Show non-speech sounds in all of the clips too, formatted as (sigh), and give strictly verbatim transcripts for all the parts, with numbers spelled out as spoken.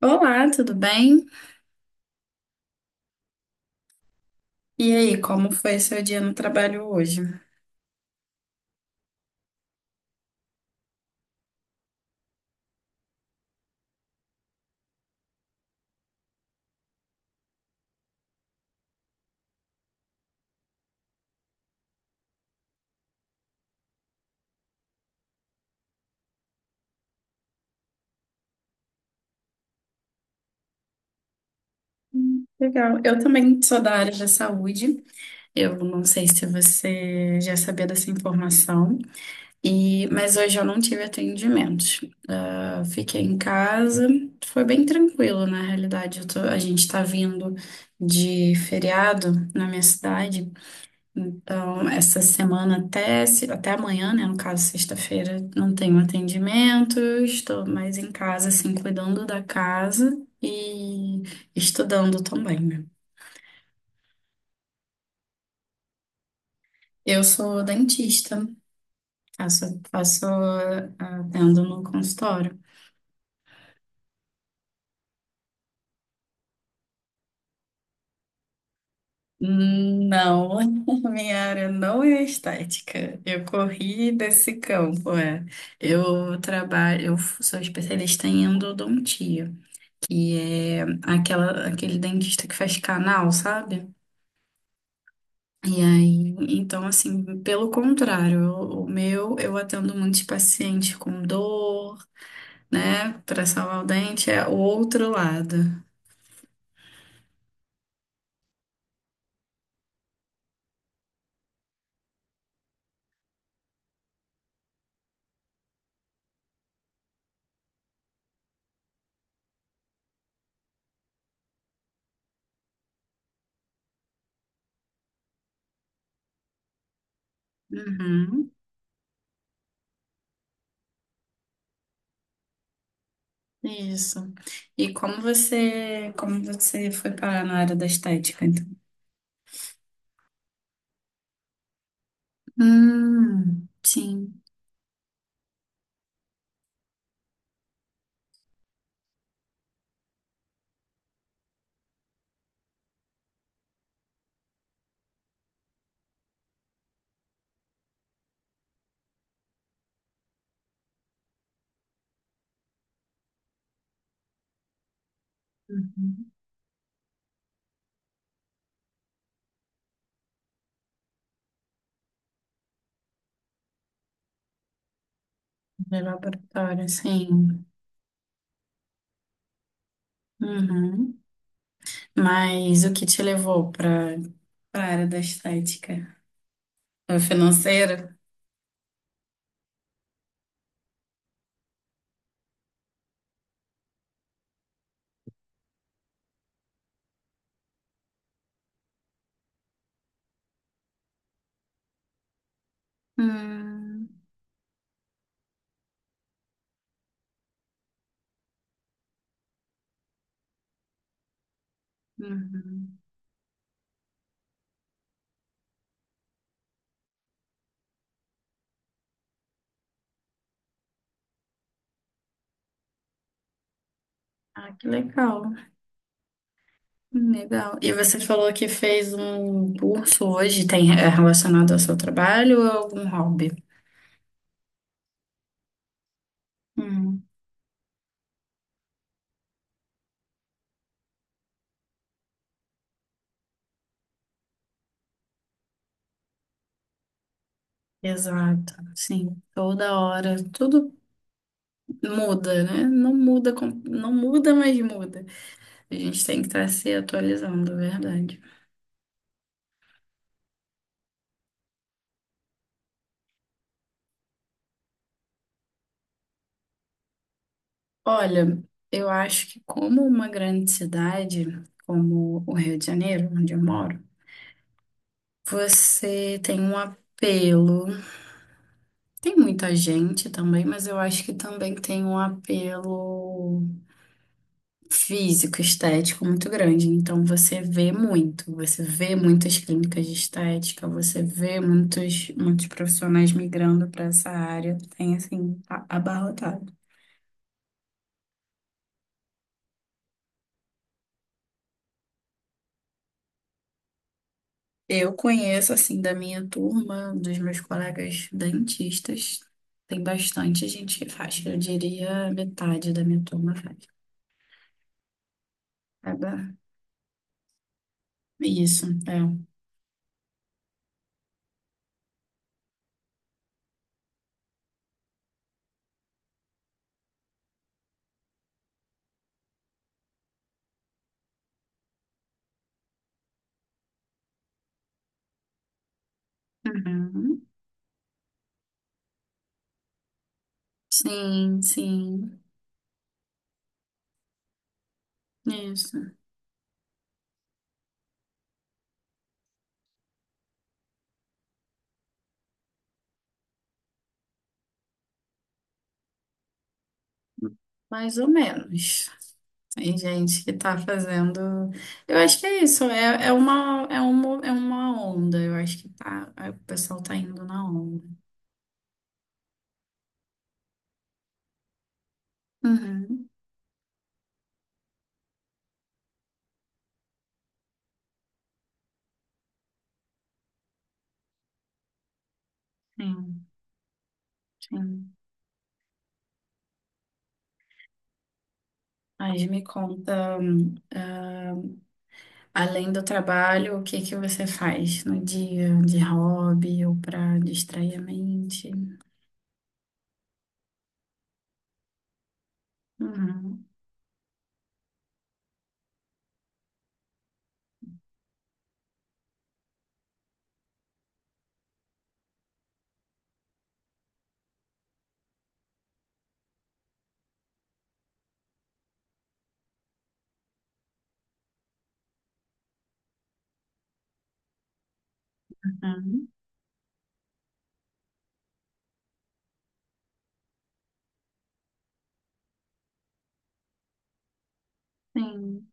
Olá, tudo bem? E aí, como foi seu dia no trabalho hoje? Hum, Legal. Eu também sou da área da saúde. Eu não sei se você já sabia dessa informação, e mas hoje eu não tive atendimentos. Ah, fiquei em casa. Foi bem tranquilo, na realidade. Eu tô- a gente está vindo de feriado na minha cidade. Então, essa semana até, se- até amanhã, né? No caso, sexta-feira, não tenho atendimento, estou mais em casa, assim, cuidando da casa e estudando também, né? Eu sou dentista, faço, faço, ah, atendo no consultório. Não, (laughs) minha área não é estética. Eu corri desse campo, é. Eu trabalho, eu sou especialista em endodontia. E é aquela, aquele dentista que faz canal, sabe? E aí, então, assim, pelo contrário, o o meu, eu atendo muitos pacientes com dor, né? Para salvar o dente, é o outro lado. Uhum, isso. E como você, como você foi parar na área da estética, então? Hum, sim. Uhum. De laboratório, sim. Uhum. Mas o que te levou para para a área da estética? É financeiro? Hum, uhum. Ah, que legal. Legal. E você falou que fez um curso hoje, tem é relacionado ao seu trabalho ou a algum hobby? Hum, Exato, sim, toda hora, tudo muda, né? Não muda, com- não muda, mas muda. A gente tem que estar se atualizando, é verdade. Olha, eu acho que como uma grande cidade, como o Rio de Janeiro, onde eu moro. Você tem um apelo. Tem muita gente também, mas eu acho que também tem um apelo físico, estético muito grande. Então você vê muito, você vê muitas clínicas de estética, você vê muitos, muitos profissionais migrando para essa área. Tem assim, a- abarrotado. Eu conheço assim da minha turma, dos meus colegas dentistas, tem bastante gente que faz. Eu diria metade da minha turma faz. Isso, é. Uhum. Sim, sim. Isso. Mais ou menos. Tem gente que tá fazendo. Eu acho que é isso. É, é uma, é uma, é uma onda. Eu acho que tá, é, o pessoal tá indo na onda. Uhum. Sim, sim. Mas me conta, hum, ah, além do trabalho, o que que você faz no dia de hobby ou para distrair a mente? Uhum. Uhum. Sim,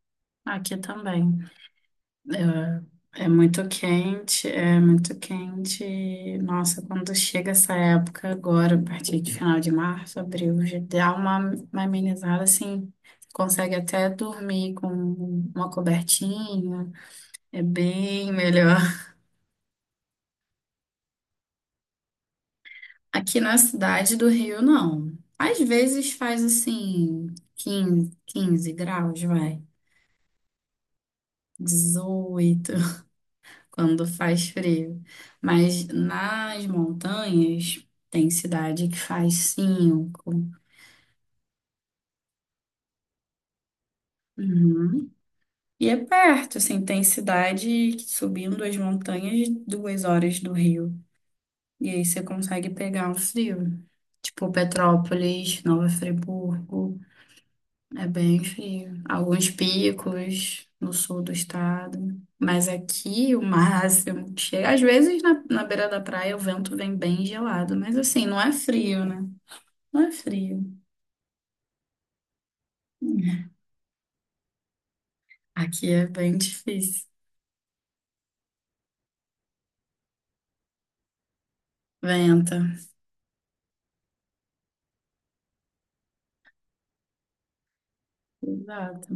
aqui também. É, é muito quente, é muito quente. Nossa, quando chega essa época agora, a partir de final de março, abril, já dá uma, uma amenizada assim. Consegue até dormir com uma cobertinha, é bem melhor. Aqui na cidade do Rio, não. Às vezes faz assim, quinze, quinze graus, vai, dezoito, quando faz frio. Mas nas montanhas tem cidade que faz cinco. Uhum. E é perto, assim, tem cidade que subindo as montanhas duas horas do Rio. E aí você consegue pegar um frio. Tipo Petrópolis, Nova Friburgo. É bem frio. Alguns picos no sul do estado. Mas aqui o máximo que chega. Às vezes na, na beira da praia o vento vem bem gelado. Mas assim, não é frio, né? Não é frio. Aqui é bem difícil. Venta. Exato.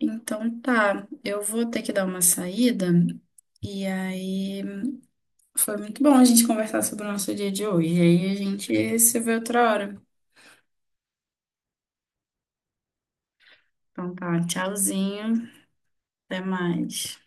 Então tá, eu vou ter que dar uma saída. E aí foi muito bom a gente conversar sobre o nosso dia de hoje. E aí a gente se vê outra hora. Então tá, tchauzinho. Até mais.